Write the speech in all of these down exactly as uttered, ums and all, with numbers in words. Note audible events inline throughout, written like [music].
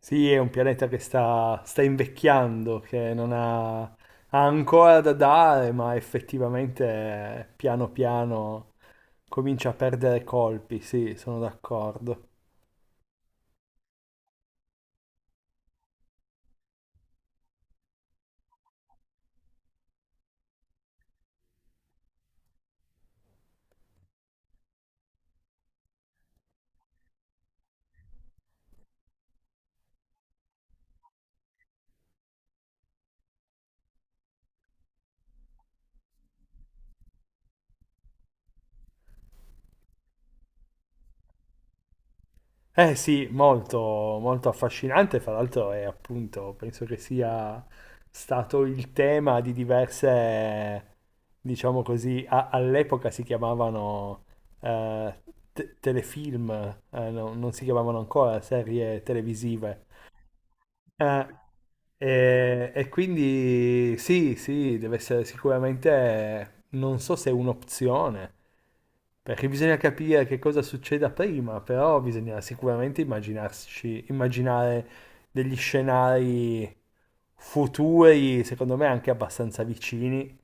Sì, è un pianeta che sta, sta invecchiando, che non ha, ha ancora da dare, ma effettivamente eh, piano piano comincia a perdere colpi, sì, sono d'accordo. Eh sì, molto, molto affascinante, fra l'altro è appunto, penso che sia stato il tema di diverse, diciamo così, a- all'epoca si chiamavano eh, te- telefilm, eh, no- non si chiamavano ancora serie televisive. Eh, e, e quindi sì, sì, deve essere sicuramente, non so se è un'opzione, perché bisogna capire che cosa succeda prima, però bisogna sicuramente immaginarsi, immaginare degli scenari futuri, secondo me anche abbastanza vicini,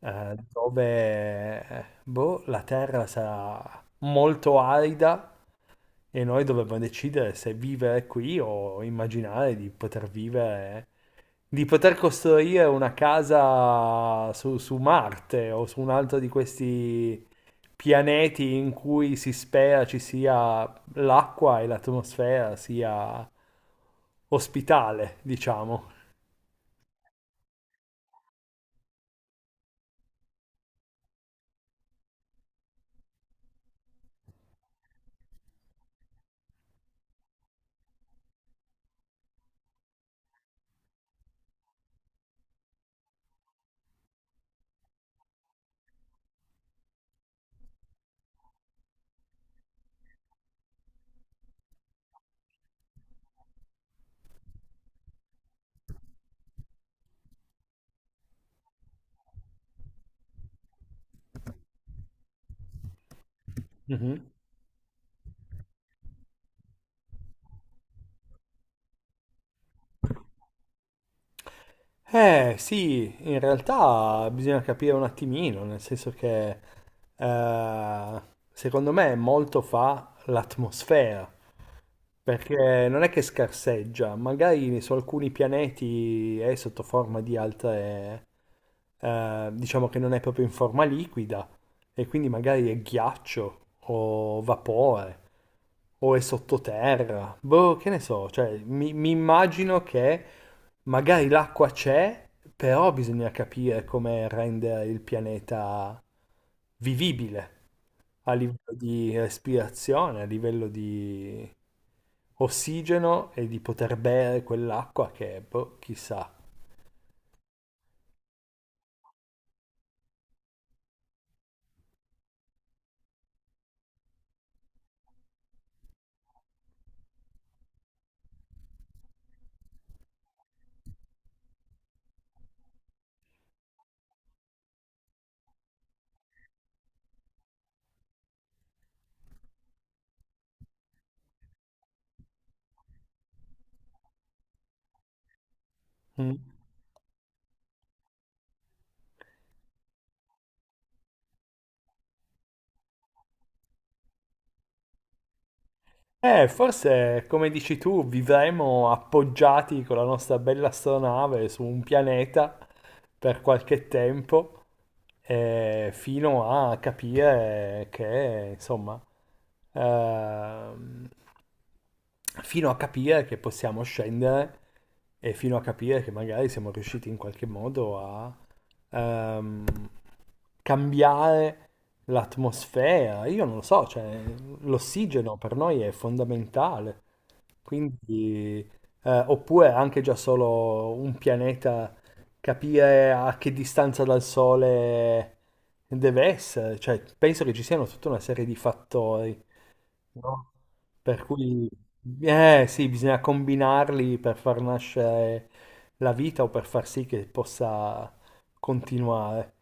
eh, dove boh, la Terra sarà molto arida e noi dovevamo decidere se vivere qui o immaginare di poter vivere, di poter costruire una casa su, su Marte o su un altro di questi pianeti in cui si spera ci sia l'acqua e l'atmosfera sia ospitale, diciamo. Mhm. Eh sì, in realtà bisogna capire un attimino, nel senso che eh, secondo me molto fa l'atmosfera. Perché non è che scarseggia, magari su alcuni pianeti è sotto forma di altre, eh, diciamo che non è proprio in forma liquida, e quindi magari è ghiaccio o vapore o è sottoterra. Boh, che ne so, cioè mi, mi immagino che magari l'acqua c'è, però bisogna capire come rendere il pianeta vivibile a livello di respirazione, a livello di ossigeno e di poter bere quell'acqua che, boh, chissà. Mm. Eh, forse, come dici tu, vivremo appoggiati con la nostra bella astronave su un pianeta per qualche tempo, eh, fino a capire che, insomma, ehm, fino a capire che possiamo scendere e fino a capire che magari siamo riusciti in qualche modo a ehm, cambiare l'atmosfera, io non lo so, cioè, l'ossigeno per noi è fondamentale, quindi, eh, oppure anche già solo un pianeta, capire a che distanza dal Sole deve essere, cioè, penso che ci siano tutta una serie di fattori, no? Per cui, eh sì, bisogna combinarli per far nascere la vita o per far sì che possa continuare.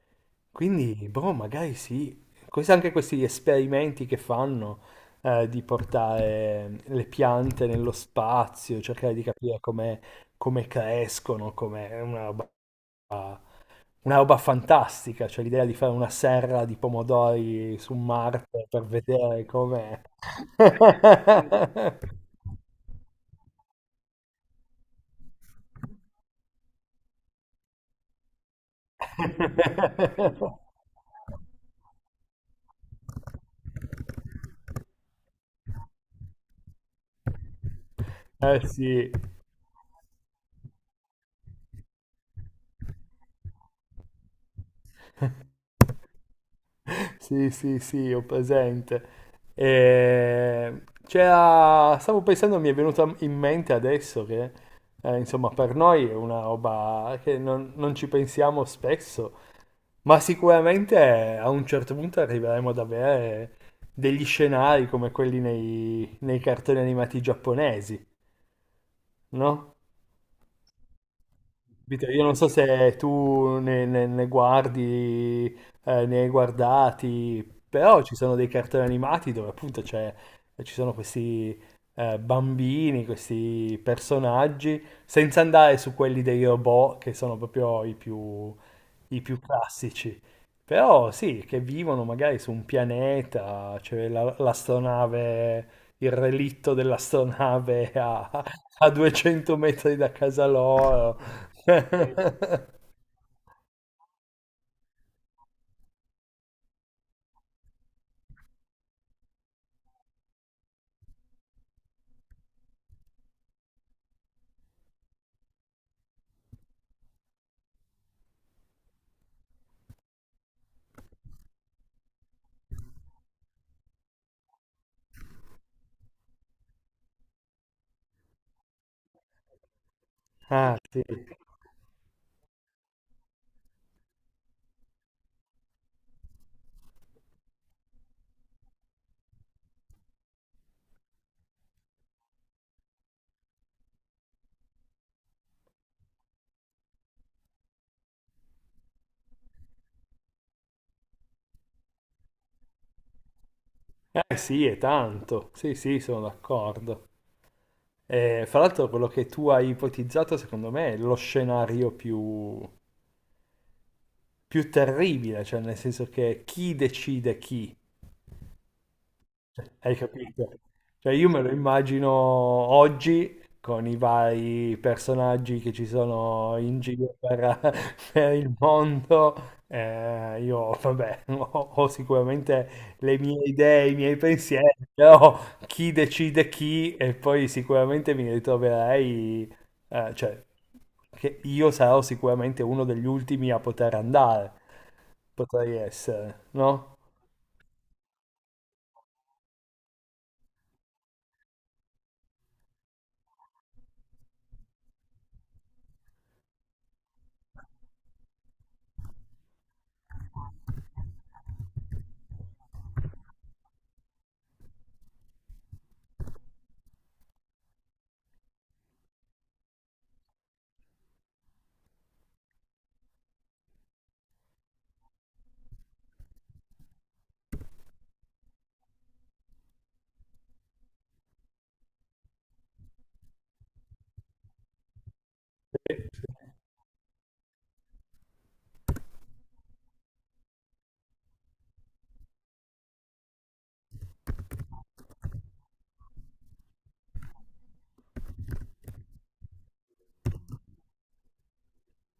Quindi, boh, magari sì. Questi- anche questi esperimenti che fanno eh, di portare le piante nello spazio, cercare di capire come, come crescono, come è una roba una roba fantastica, cioè l'idea di fare una serra di pomodori su Marte per vedere com'è. [laughs] Eh sì, sì, sì, sì, ho presente. E c'era- Stavo pensando, mi è venuta in mente adesso che, eh, insomma, per noi è una roba che non, non ci pensiamo spesso, ma sicuramente a un certo punto arriveremo ad avere degli scenari come quelli nei, nei cartoni animati giapponesi, no? Vito, io non so se tu ne, ne- ne guardi, eh, ne hai guardati, però ci sono dei cartoni animati dove appunto c'è- ci sono questi eh, bambini, questi personaggi, senza andare su quelli dei robot che sono proprio i più, i più classici. Però sì, che vivono magari su un pianeta, c'è la- l'astronave, il relitto dell'astronave a, a duecento metri da casa loro. [laughs] Ah, sì. Eh, sì, è tanto. Sì, sì, sono d'accordo. Eh, fra l'altro, quello che tu hai ipotizzato, secondo me, è lo scenario più, più terribile, cioè nel senso che chi decide chi? Hai capito? Cioè io me lo immagino oggi con i vari personaggi che ci sono in giro per, [laughs] per il mondo. Eh, io, vabbè, [laughs] ho, ho sicuramente le mie idee, i miei pensieri, però chi decide chi e poi sicuramente mi ritroverei, eh, cioè, che io sarò sicuramente uno degli ultimi a poter andare, potrei essere, no?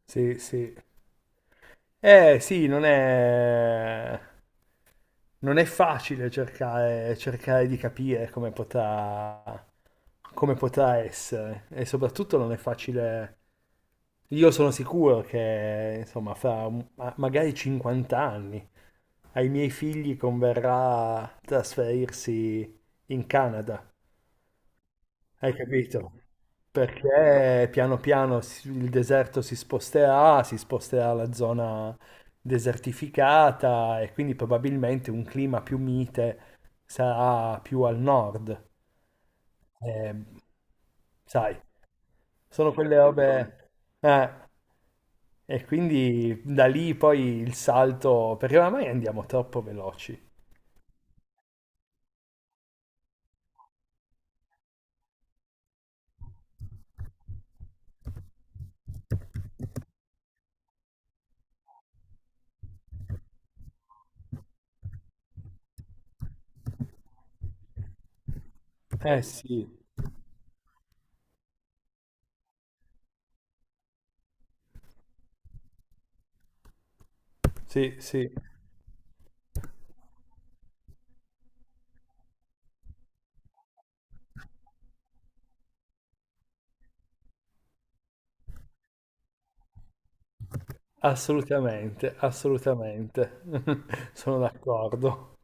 Sì, sì. Eh sì, non è, non è facile cercare, cercare di capire come potrà, come potrà essere e soprattutto non è facile, io sono sicuro che insomma fra un- ma- magari cinquanta anni ai miei figli converrà trasferirsi in Canada, hai capito? Perché piano piano si- il deserto si sposterà, si sposterà la zona desertificata e quindi probabilmente un clima più mite sarà più al nord. Eh, sai, sono quelle robe... eh, e quindi da lì poi il salto, perché oramai andiamo troppo veloci. Eh sì, sì, sì, assolutamente, assolutamente. [laughs] Sono d'accordo.